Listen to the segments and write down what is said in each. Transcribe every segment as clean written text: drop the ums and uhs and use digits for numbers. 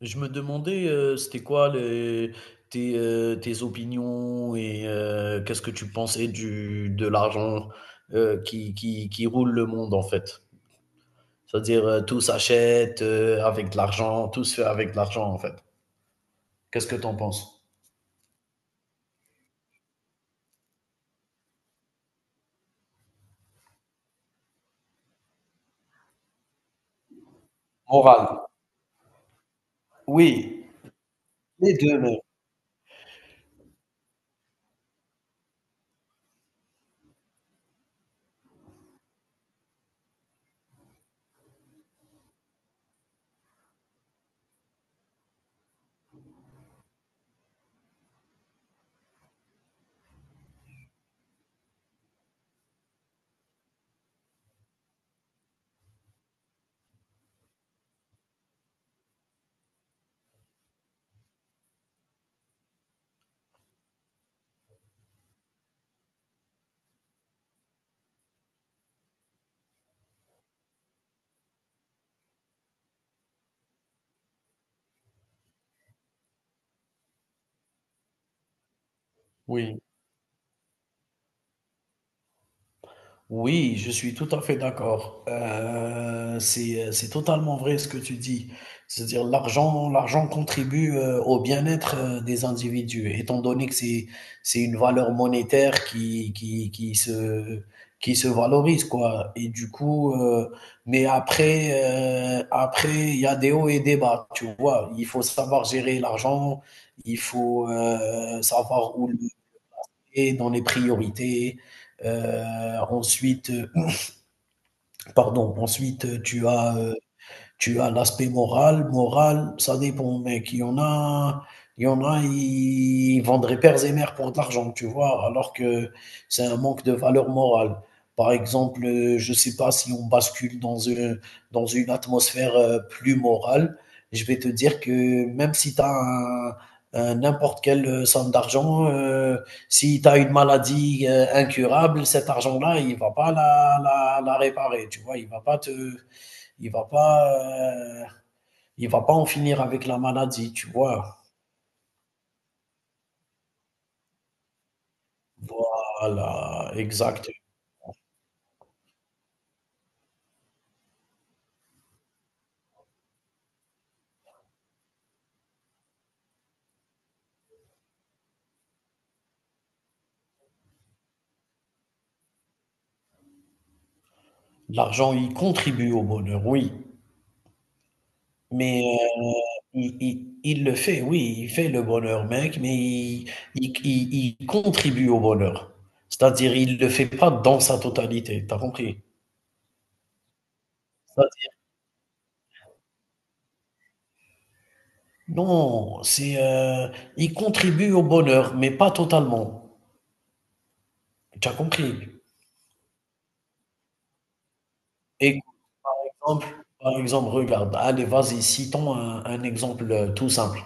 Je me demandais, c'était quoi tes opinions et qu'est-ce que tu pensais de l'argent qui roule le monde en fait. C'est-à-dire tout s'achète avec de l'argent, tout se fait avec de l'argent en fait. Qu'est-ce que tu en penses? Morale. Oui, les deux même. Oui. Oui, je suis tout à fait d'accord. C'est totalement vrai ce que tu dis. C'est-à-dire l'argent contribue au bien-être des individus, étant donné que c'est une valeur monétaire qui se valorise, quoi. Et du coup, mais après, il y a des hauts et des bas, tu vois. Il faut savoir gérer l'argent, il faut savoir où le mettre dans les priorités. Euh, ensuite, Pardon, ensuite, tu as l'aspect moral. Moral, ça dépend, mec. Il y en a, ils vendraient pères et mères pour de l'argent, tu vois, alors que c'est un manque de valeur morale. Par exemple, je ne sais pas si on bascule dans une atmosphère plus morale, je vais te dire que même si tu as un n'importe quelle somme d'argent, si tu as une maladie incurable, cet argent-là, il va pas la réparer, tu vois, il va pas te, il va pas, euh, il va pas en finir avec la maladie, tu vois. Voilà, exact. L'argent, il contribue au bonheur, oui. Mais il le fait, oui, il fait le bonheur, mec, mais il contribue au bonheur. C'est-à-dire, il le fait pas dans sa totalité, t'as compris? C'est-à-dire, non, il contribue au bonheur, mais pas totalement. T'as compris? Et exemple, par exemple, regarde, allez, vas-y, citons un exemple tout simple.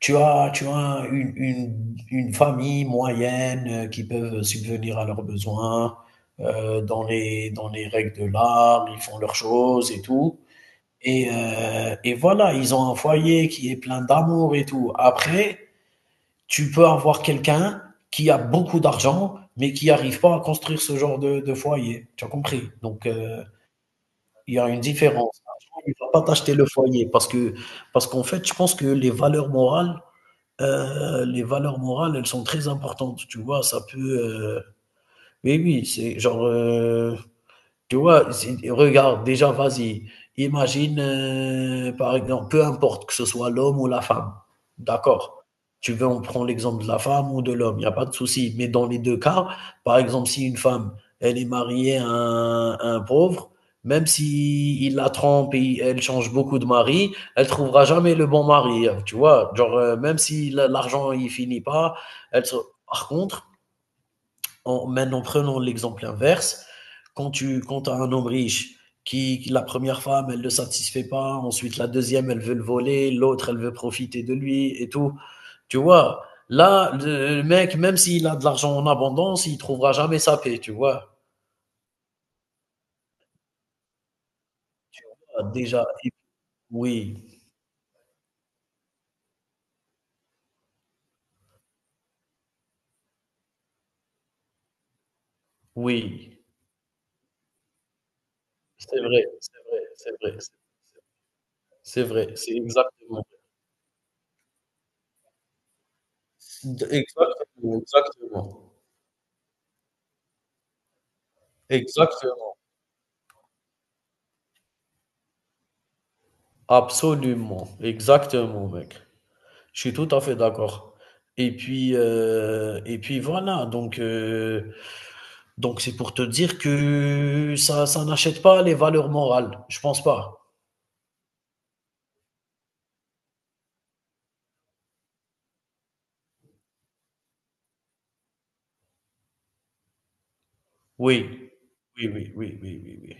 Tu as une famille moyenne qui peuvent subvenir à leurs besoins dans les règles de l'art, ils font leurs choses et tout. Et voilà, ils ont un foyer qui est plein d'amour et tout. Après, tu peux avoir quelqu'un qui a beaucoup d'argent, mais qui n'arrive pas à construire ce genre de foyer. Tu as compris? Donc, il y a une différence. L'argent, il ne va pas t'acheter le foyer parce qu'en fait, je pense que les valeurs morales, elles sont très importantes, tu vois? Mais oui, c'est genre, tu vois, regarde, déjà, vas-y, imagine, par exemple, peu importe que ce soit l'homme ou la femme, d'accord? Tu veux, on prend l'exemple de la femme ou de l'homme, il n'y a pas de souci. Mais dans les deux cas, par exemple, si une femme, elle est mariée à un pauvre, même si il la trompe et elle change beaucoup de mari, elle trouvera jamais le bon mari, hein, tu vois? Genre, même si la- l'argent, il finit pas, elle se- Par contre, maintenant, prenons l'exemple inverse. Quand tu quand as un homme riche, la première femme, elle ne le satisfait pas, ensuite la deuxième, elle veut le voler, l'autre, elle veut profiter de lui et tout. Tu vois, là, le mec, même s'il a de l'argent en abondance, il ne trouvera jamais sa paix, tu vois. Tu vois, déjà, oui, oui, c'est vrai, c'est vrai, c'est vrai, c'est vrai, c'est exactement. Absolument, Ex- absolument, exactement, mec. Je suis tout à fait d'accord. Et puis voilà, donc c'est pour te dire que ça n'achète pas les valeurs morales, je pense pas. Oui. Oui, oui, oui, oui, oui, oui.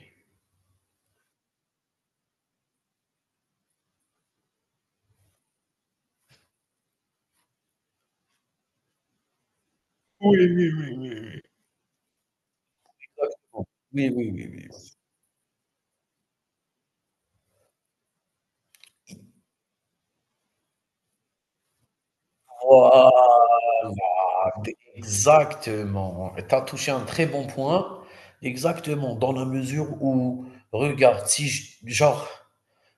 Oui, oui, oui, oui. Voilà. Exactement. Tu as touché un très bon point. Exactement, dans la mesure où, regarde, si je- genre,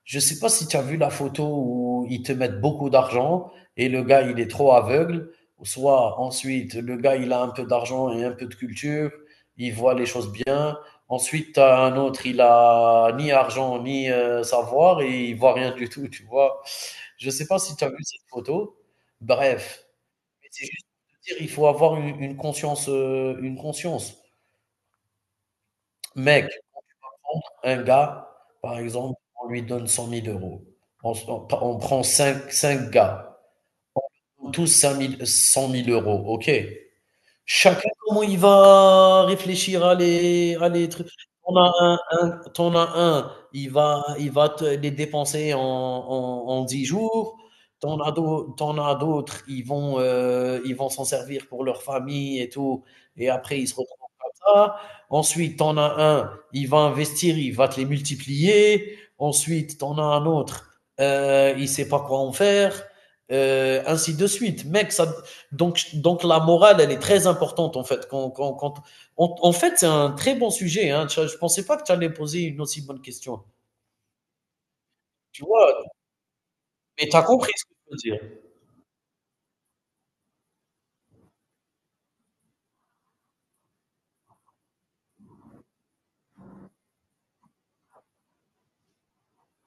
je sais pas si tu as vu la photo où ils te mettent beaucoup d'argent et le gars, il est trop aveugle, ou soit ensuite, le gars, il a un peu d'argent et un peu de culture, il voit les choses bien. Ensuite, tu as un autre, il a ni argent ni savoir et il voit rien du tout, tu vois. Je sais pas si tu as vu cette photo. Bref. Mais c'est juste de dire, il faut avoir une conscience. Mec, un gars, par exemple, on lui donne 100 000 euros. On, on prend 5, gars, tous 5 000 100 000 euros, ok. Chacun, comment il va réfléchir à les trucs. T'en en as un tu as un, il va te les dépenser en 10 jours. T'en en as d'au tu as d'autres, ils vont s'en servir pour leur famille et tout et après ils se retrouvent comme ça. Ensuite, t'en en as un, il va investir, il va te les multiplier. Ensuite, t'en en as un autre, il sait pas quoi en faire, ainsi de suite. Mec, donc la morale, elle est très importante en fait. En fait, c'est un très bon sujet. Hein. Je ne pensais pas que tu allais poser une aussi bonne question. Tu vois, mais tu as compris ce que je veux dire.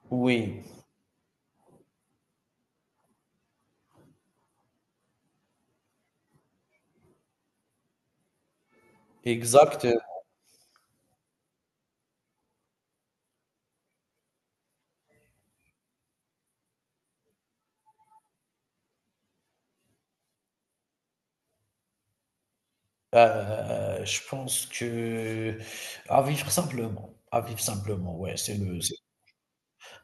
Oui, exact. Je pense que à vivre simplement. À vivre simplement, ouais, c'est le. C'est-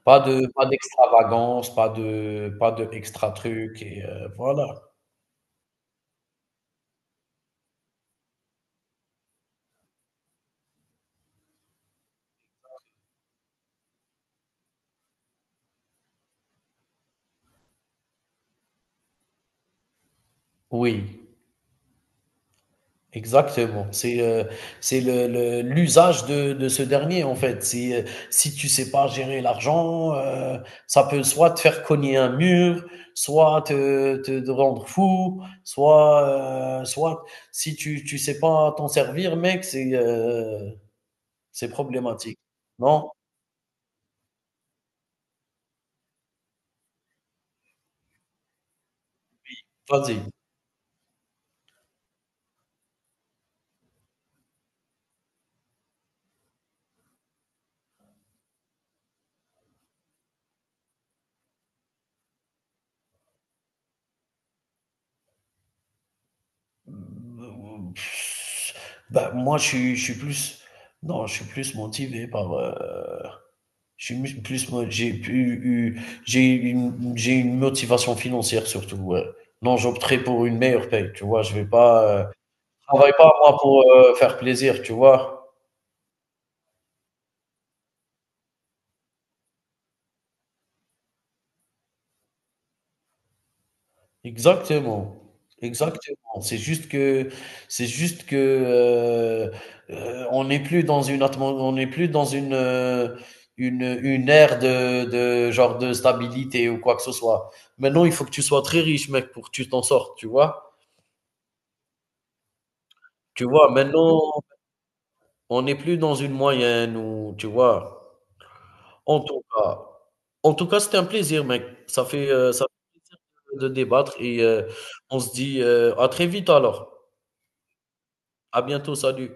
Pas de, pas d'extravagance, pas de extra truc, et voilà. Oui. Exactement. C'est le l'usage de ce dernier en fait. Si tu sais pas gérer l'argent, ça peut soit te faire cogner un mur, soit te rendre fou, soit si tu sais pas t'en servir mec, c'est problématique. Non? Vas-y. Mmh, bah, moi je suis plus non, je suis plus motivé par, J'ai mu- plus, mo- j'ai pu- eu, j'ai une motivation financière surtout. Ouais. Non, j'opterai pour une meilleure paye, tu vois. Je travaille pas moi pour faire plaisir, tu vois. Exactement, exactement. C'est juste que, on n'est plus dans on n'est plus dans une ère de genre de stabilité ou quoi que ce soit. Maintenant, il faut que tu sois très riche, mec, pour que tu t'en sortes, tu vois. Tu vois, maintenant. On n'est plus dans une moyenne ou tu vois? En tout cas en tout cas, c'était un plaisir, mec. Ça fait plaisir de débattre et on se dit, à très vite alors. À bientôt, salut.